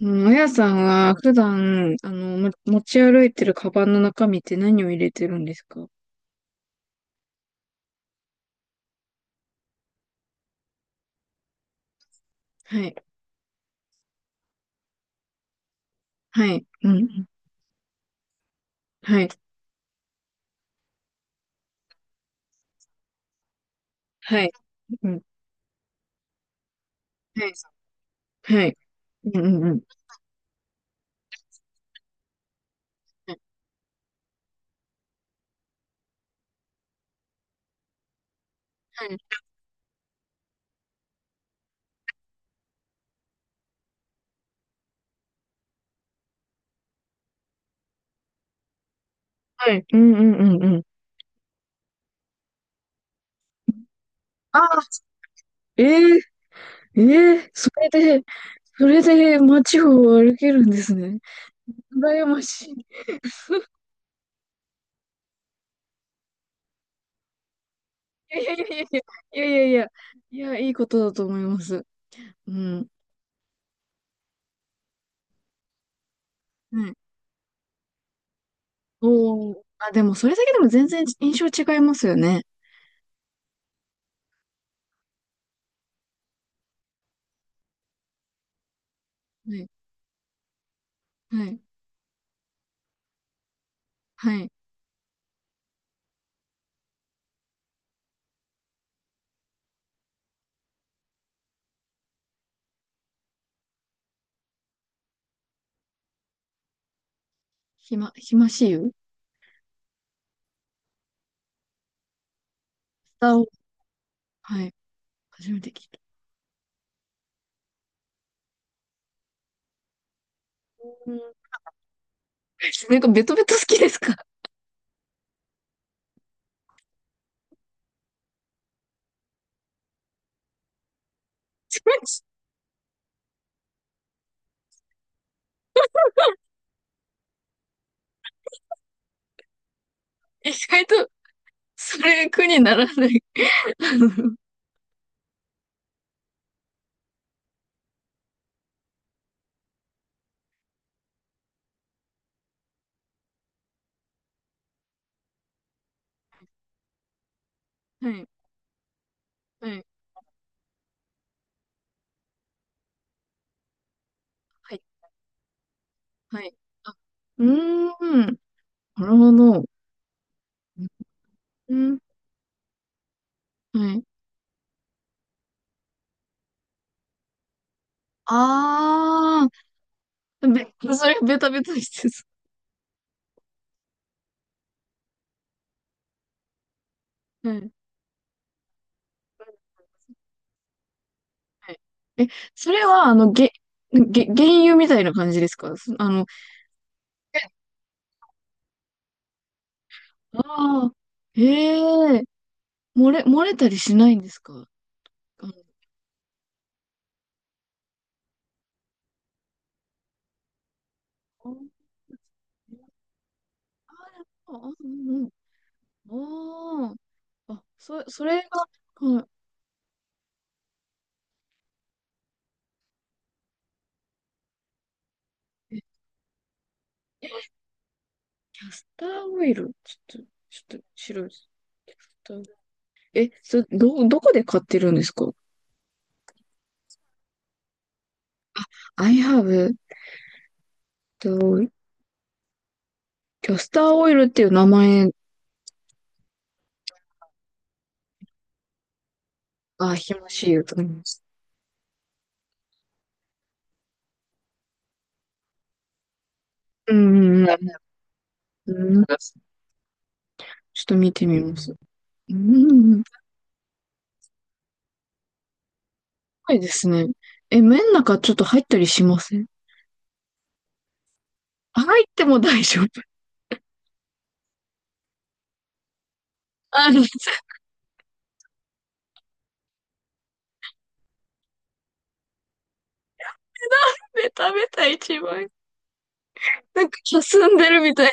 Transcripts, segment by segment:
うん。あやさんは普段、持ち歩いてるカバンの中身って何を入れてるんですか？はい。はい。うん。うん。はい。はい。うん。はい。はい。うん、うん、うん。はい。はい。うん、うん、うん、うん。ああ、ええええ、で、それで街を歩けるんですね。羨ましい。いやいやいやいやいやいやいやいや、いいことだと思います。うん。はい。おー。あ、でもそれだけでも全然印象違いますよね。はい、はい、はい。ひましゆスターを、はい。初めて聞いた。うん。なんかベトベト好きですか？ 意外と、それ苦にならない。あのはい、はい、はい、はい。あ、うーん。なるほど。うん、はい。あー、べ、それベタベタしてそう。はい。はい。え、それは、げ、げ、原油みたいな感じですか？そ、え、ああ、え、え、漏れたりしないんですか？あの、ああ、うん、うん。ああ、あ、そ、それが、はい。え、キャスターオイル。ちょっと、白いです。キャスターオイル。え、そ、ど、どこで買ってるんですか ?I have、 と、キャスターオイルっていう名前がひましいと思います。うん、うん、うん。ちょっと見てみます。うん、うん。すごいですね。え、麺の中ちょっと入ったりしません？入っても大丈夫。あ、水で食べた一番。なんか、霞んでるみたい。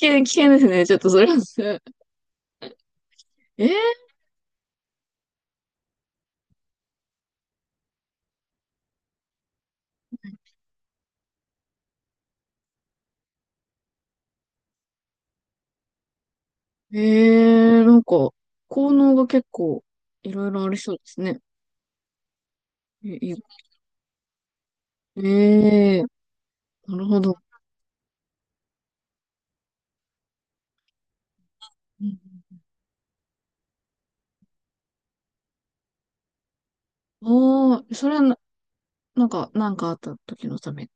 危険ですね。ちょっとそれは。ええー、なんか、効能が結構、いろいろありそうですね。え、い、ええー、なるほど。ああー、それはな、なんか、あった時のため。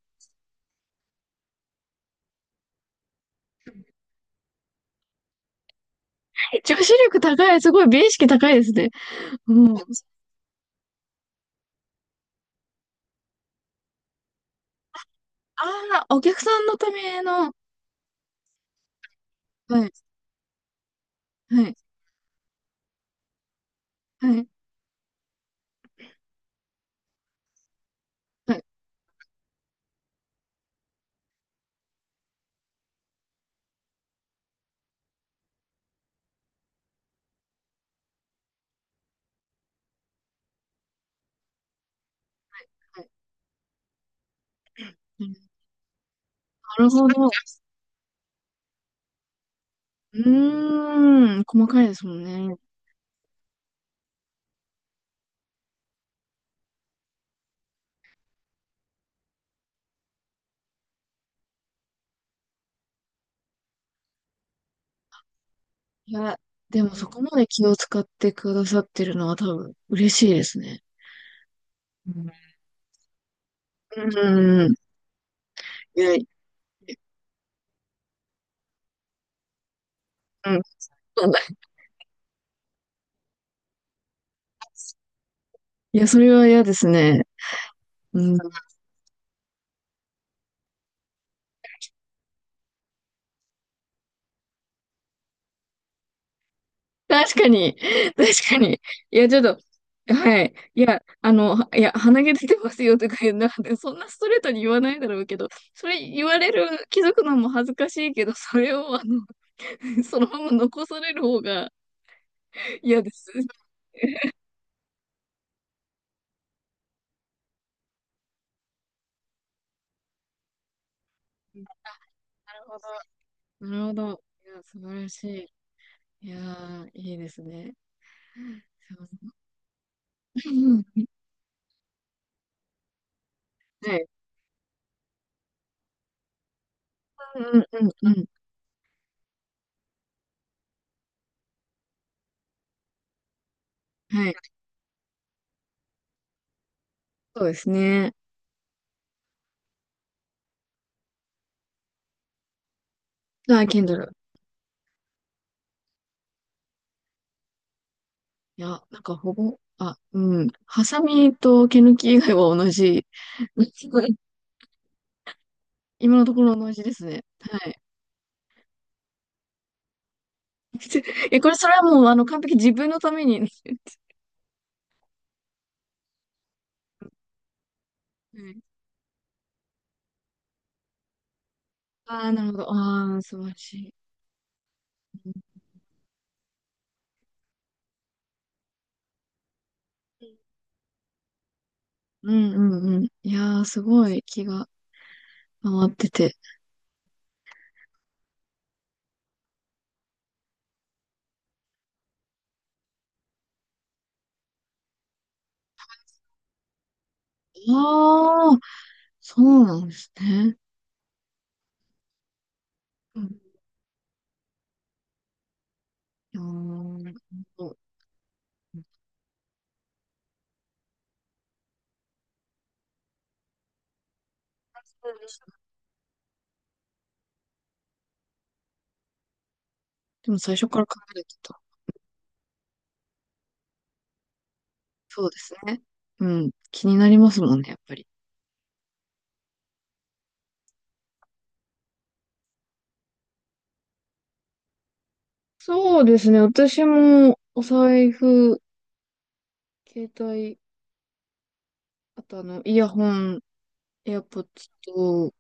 女子力高い、すごい美意識高いですね。うん。ああ、お客さんのための、はい、はい、はい、はい、はい。なるほど。うーん、細かいですもんね。いや、でもそこまで気を使ってくださってるのは多分嬉しいですね。うん、うん。いや、うん。そうだ、いや、それは嫌ですね。うん。確かに。確かに。いや、ちょっと、はい。いや、はいや、鼻毛出てますよとか言う、なんで、そんなストレートに言わないだろうけど、それ言われる、気づくのも恥ずかしいけど、それを、そのまま残される方が嫌です。なるほど。なるほど。いや、素晴らしい。いやー、いいですね。うん、うん、はい。うん、うん、うん、うん。はい。そうですね。あ、Kindle。いや、なんかほぼ、あ、うん。ハサミと毛抜き以外は同じ。今のところ同じですね。はい。え、これ、それはもう、完璧自分のために。はい。ああ、なるほど。ああ、素晴らしい。うん、うん、うん。いやー、すごい気が回ってて。ああ、そうなんですね。うん。いやー、なるほど。でも最初から考えてた。そうですね。うん。気になりますもんね、やっぱり。そうですね。私も、お財布、携帯、あとイヤホン、エアポッツと、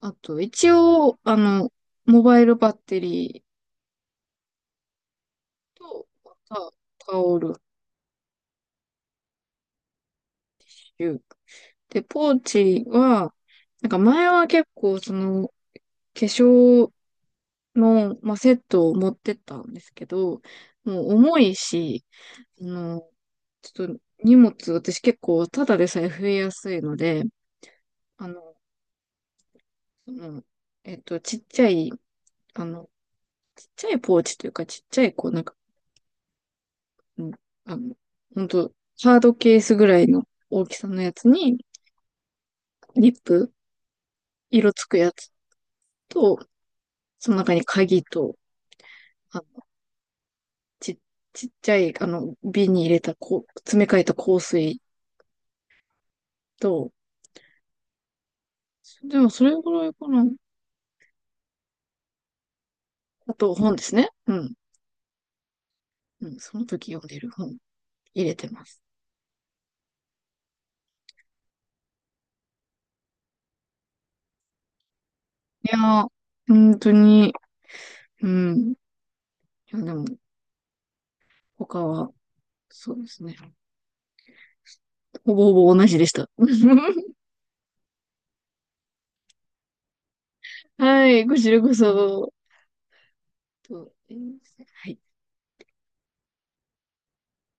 あと、一応、モバイルバッテリーと、あとタオル、リュック。で、ポーチは、なんか前は結構、その、化粧の、まあ、セットを持ってったんですけど、もう重いし、あの、ちょっと荷物、私結構ただでさえ増えやすいので、あの、その、ちっちゃい、あの、ちっちゃいポーチというか、ちっちゃい、こう、なんか、うん、あの、ほんと、ハードケースぐらいの大きさのやつに、リップ、色つくやつと、その中に鍵と、あ、ち、ちっちゃい、瓶に入れた、こう、詰め替えた香水と、でもそれぐらいかな。あと、本ですね。うん。うん、その時読んでる本入れてます。いやー、本当に、うん。いや、でも、他は、そうですね。ほぼほぼ同じでした。はい、こちらこそ。と、はい。